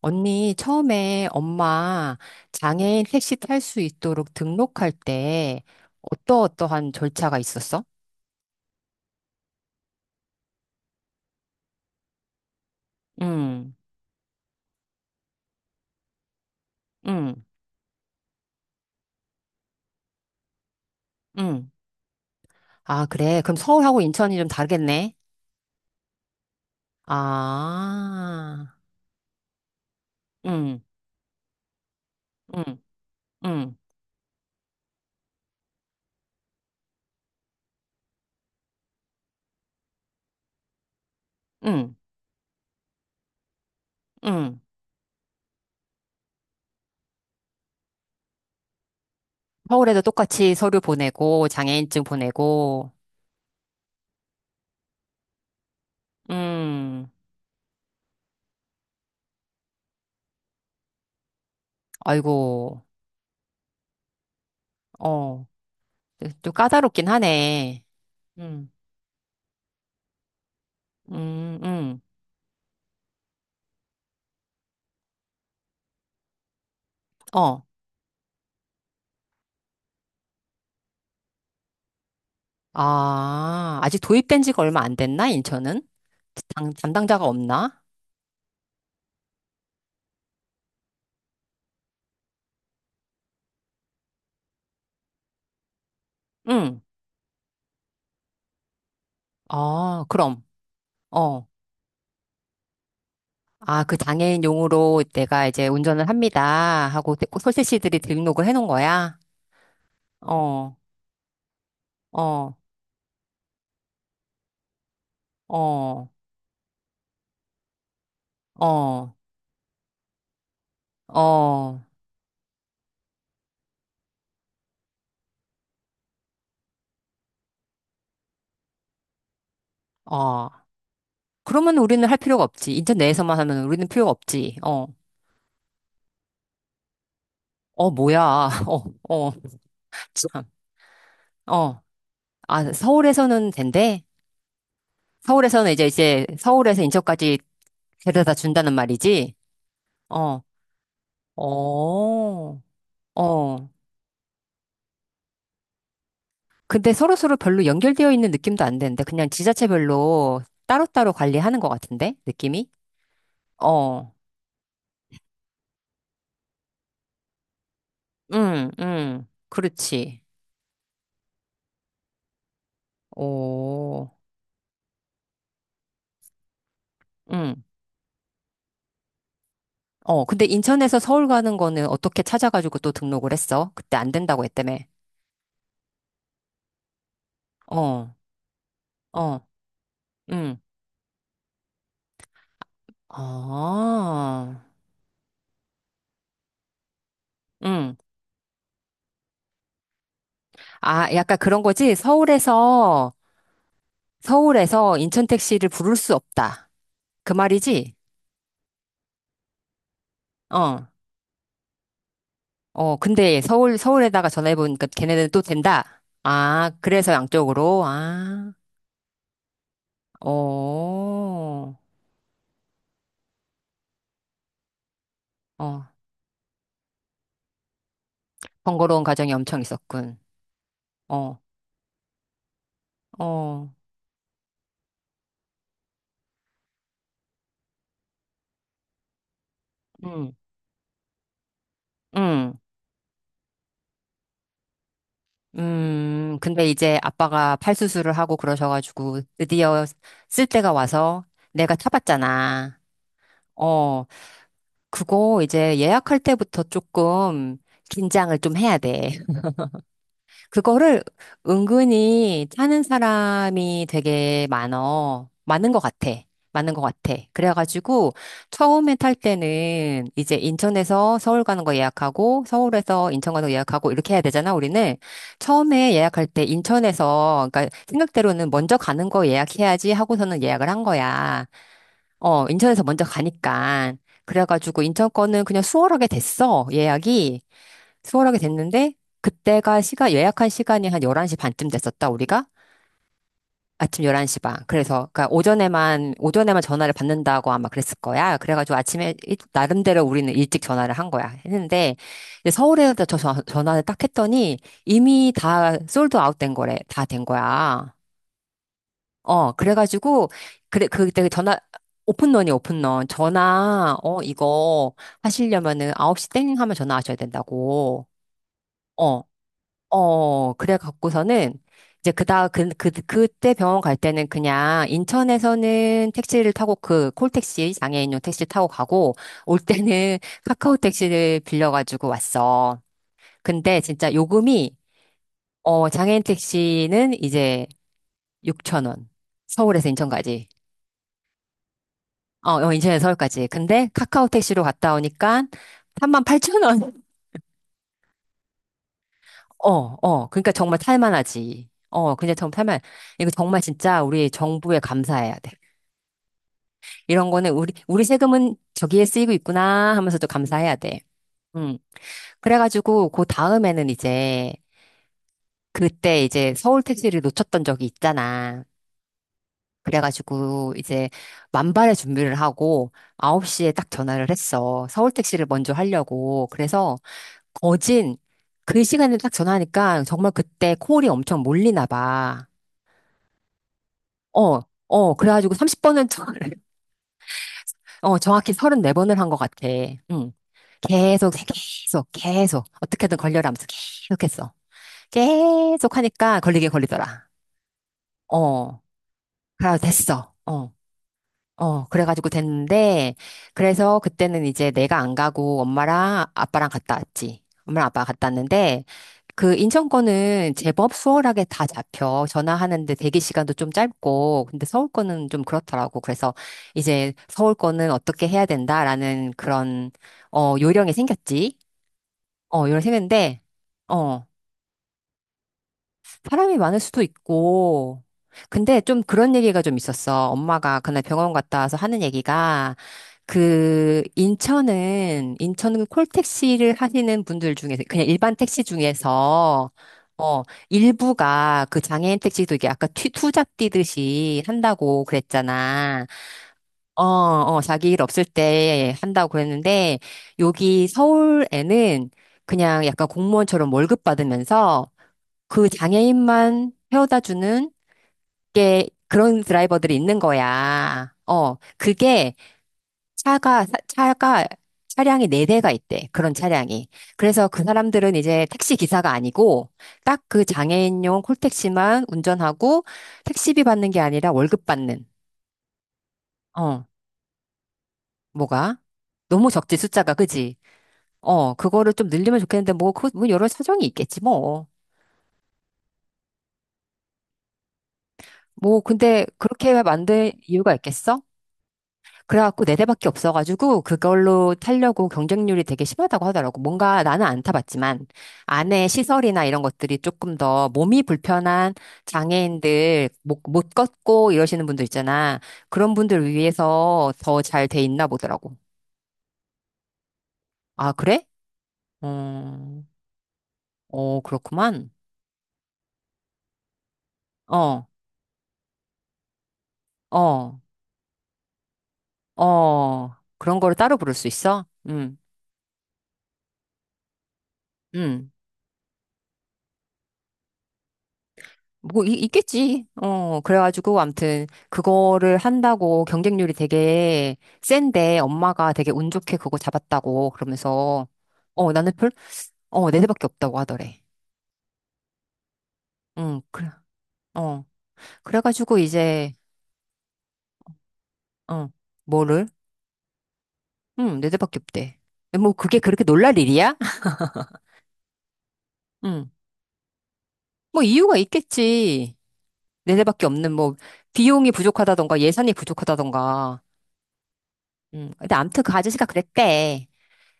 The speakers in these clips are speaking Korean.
언니, 처음에 엄마 장애인 택시 탈 수 있도록 등록할 때 어떠어떠한 절차가 있었어? 응, 응, 응. 아, 그래. 그럼 서울하고 인천이 좀 다르겠네. 아, 응, 응, 응, 응, 응. 서울에도 똑같이 서류 보내고, 장애인증 보내고, 음, 아이고, 어, 좀 까다롭긴 하네. 음, 음, 음, 어. 아, 아직 도입된 지가 얼마 안 됐나, 인천은? 담 담당자가 없나? 응. 어, 그럼. 어. 아, 그 장애인용으로 내가 이제 운전을 합니다 하고 설세씨들이 등록을 해놓은 거야? 어, 어, 어, 어, 어, 어. 그러면 우리는 할 필요가 없지. 인천 내에서만 하면 우리는 필요가 없지. 어, 어, 뭐야. 어, 어, 참. 어. 아, 서울에서는 된대? 서울에서는 이제, 이제, 서울에서 인천까지 데려다 준다는 말이지? 어, 어, 어. 근데 서로서로 별로 연결되어 있는 느낌도 안 되는데, 그냥 지자체별로 따로따로 관리하는 것 같은데, 느낌이? 어, 응, 응, 그렇지. 오, 응. 어, 근데 인천에서 서울 가는 거는 어떻게 찾아가지고 또 등록을 했어? 그때 안 된다고 했다며. 어, 어, 응. 아, 응. 아, 약간 그런 거지? 서울에서 서울에서 인천 택시를 부를 수 없다, 그 말이지? 어, 어, 근데 서울, 서울에다가 전화해보니까 걔네는 또 된다. 아, 그래서 양쪽으로, 아, 어, 어, 번거로운 과정이 엄청 있었군. 어, 어, 음, 음, 근데 이제 아빠가 팔수술을 하고 그러셔가지고 드디어 쓸 때가 와서 내가 타봤잖아. 어, 그거 이제 예약할 때부터 조금 긴장을 좀 해야 돼. 그거를 은근히 하는 사람이 되게 많어. 많은 것 같아. 많은 것 같아. 그래가지고 처음에 탈 때는 이제 인천에서 서울 가는 거 예약하고 서울에서 인천 가는 거 예약하고 이렇게 해야 되잖아, 우리는. 처음에 예약할 때 인천에서, 그러니까 생각대로는 먼저 가는 거 예약해야지 하고서는 예약을 한 거야. 어, 인천에서 먼저 가니까. 그래가지고 인천 거는 그냥 수월하게 됐어, 예약이. 수월하게 됐는데 그때가 시간 예약한 시간이 한 11시 반쯤 됐었다, 우리가. 아침 11시 반, 그래서 그니까 오전에만 전화를 받는다고 아마 그랬을 거야. 그래가지고 아침에 나름대로 우리는 일찍 전화를 한 거야. 했는데 이제 서울에서 전화를 딱 했더니 이미 다 솔드 아웃 된 거래. 다 된 거야. 어, 그래가지고, 그래 그때 전화 오픈런 전화, 어, 이거 하시려면은 9시 땡 하면 전화하셔야 된다고. 어, 어, 그래 갖고서는 이제 그 그때 병원 갈 때는 그냥 인천에서는 택시를 타고, 그 콜택시 장애인용 택시 타고 가고 올 때는 카카오 택시를 빌려 가지고 왔어. 근데 진짜 요금이, 어, 장애인 택시는 이제 6천 원. 서울에서 인천까지. 어, 어, 인천에서 서울까지. 근데 카카오 택시로 갔다 오니까 3만 팔천 원. 어, 어. 그러니까 정말 탈만하지. 어, 그냥 정말 탈만. 이거 정말 진짜 우리 정부에 감사해야 돼. 이런 거는 우리, 우리 세금은 저기에 쓰이고 있구나 하면서도 감사해야 돼. 음. 그래가지고, 그 다음에는 이제, 그때 이제 서울 택시를 놓쳤던 적이 있잖아. 그래가지고, 이제, 만발의 준비를 하고, 9시에 딱 전화를 했어. 서울 택시를 먼저 하려고. 그래서, 거진, 그 시간에 딱 전화하니까, 정말 그때 콜이 엄청 몰리나 봐. 어, 어, 그래가지고 30번은 어, 정확히 34번을 한 것 같아. 응. 계속, 계속, 계속. 어떻게든 걸려라 하면서 계속 했어. 계속 하니까 걸리게 걸리더라. 어, 그래 됐어. 어, 어, 그래가지고 됐는데, 그래서 그때는 이제 내가 안 가고 엄마랑 아빠랑 갔다 왔지. 엄마랑 아빠가 갔다 왔는데, 그 인천 거는 제법 수월하게 다 잡혀. 전화하는데 대기 시간도 좀 짧고, 근데 서울 거는 좀 그렇더라고. 그래서 이제 서울 거는 어떻게 해야 된다라는 그런, 어, 요령이 생겼지. 어, 요령이 생겼는데, 어, 사람이 많을 수도 있고. 근데 좀 그런 얘기가 좀 있었어. 엄마가 그날 병원 갔다 와서 하는 얘기가, 그 인천은 인천은 콜택시를 하시는 분들 중에서, 그냥 일반 택시 중에서, 어, 일부가 그 장애인 택시도 이게 아까 투잡 뛰듯이 한다고 그랬잖아. 어, 어, 자기 일 없을 때 한다고 그랬는데, 여기 서울에는 그냥 약간 공무원처럼 월급 받으면서 그 장애인만 태워다 주는 게, 그런 드라이버들이 있는 거야. 어, 그게 차가, 차가, 차량이 네대가 있대. 그런 차량이. 그래서 그 사람들은 이제 택시 기사가 아니고 딱 그 장애인용 콜택시만 운전하고 택시비 받는 게 아니라 월급 받는. 어, 뭐가? 너무 적지, 숫자가. 그지? 어, 그거를 좀 늘리면 좋겠는데 뭐, 그, 뭐 여러 사정이 있겠지, 뭐. 뭐, 근데 그렇게 만든 이유가 있겠어? 그래갖고 네 대밖에 없어가지고 그걸로 타려고 경쟁률이 되게 심하다고 하더라고. 뭔가 나는 안 타봤지만 안에 시설이나 이런 것들이 조금 더 몸이 불편한 장애인들 못, 못 걷고 이러시는 분들 있잖아. 그런 분들을 위해서 더 잘 돼 있나 보더라고. 아, 그래? 어, 어, 그렇구만. 어, 어, 어. 그런 거를 따로 부를 수 있어? 응, 응. 뭐 이- 있겠지. 어, 그래가지고 암튼 그거를 한다고 경쟁률이 되게 센데, 엄마가 되게 운 좋게 그거 잡았다고 그러면서. 어, 나는 별, 어, 네 대밖에 없다고 하더래. 응, 그래. 어, 그래가지고 이제. 어, 뭐를? 응, 네 대밖에 없대. 네, 뭐 그게 그렇게 놀랄 일이야? 응. 뭐 이유가 있겠지. 네 대밖에 없는, 뭐 비용이 부족하다던가 예산이 부족하다던가. 응. 근데 암튼 그 아저씨가 그랬대.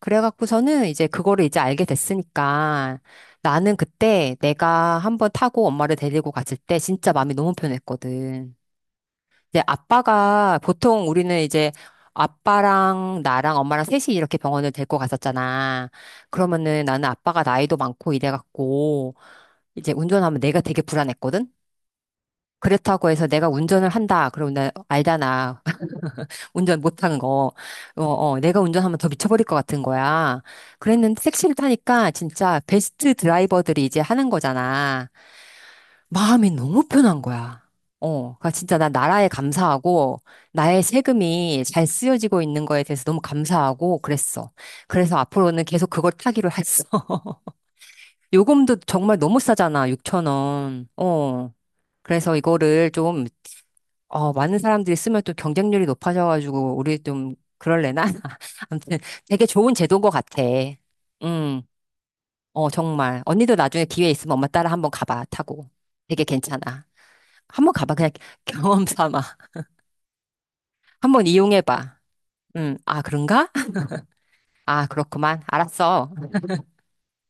그래갖고서는 이제 그거를 이제 알게 됐으니까, 나는 그때 내가 한번 타고 엄마를 데리고 갔을 때 진짜 마음이 너무 편했거든. 이제 아빠가 보통 우리는 이제, 아빠랑 나랑 엄마랑 셋이 이렇게 병원을 데리고 갔었잖아. 그러면은 나는 아빠가 나이도 많고 이래갖고 이제 운전하면 내가 되게 불안했거든? 그렇다고 해서 내가 운전을 한다, 그러면 나 알잖아. 운전 못한 거. 어, 어, 내가 운전하면 더 미쳐버릴 것 같은 거야. 그랬는데 택시를 타니까 진짜 베스트 드라이버들이 이제 하는 거잖아. 마음이 너무 편한 거야. 어, 그러니까 진짜 나 나라에 감사하고 나의 세금이 잘 쓰여지고 있는 거에 대해서 너무 감사하고 그랬어. 그래서 앞으로는 계속 그걸 타기로 했어. 요금도 정말 너무 싸잖아, 6천 원. 어. 그래서 이거를 좀, 어, 많은 사람들이 쓰면 또 경쟁률이 높아져가지고, 우리 좀, 그럴래나? 아무튼 되게 좋은 제도인 것 같아. 음, 어, 정말. 언니도 나중에 기회 있으면 엄마 따라 한번 가봐, 타고. 되게 괜찮아. 한번 가봐, 그냥 경험 삼아. 한번 이용해봐. 아, 그런가? 아, 그렇구만. 알았어.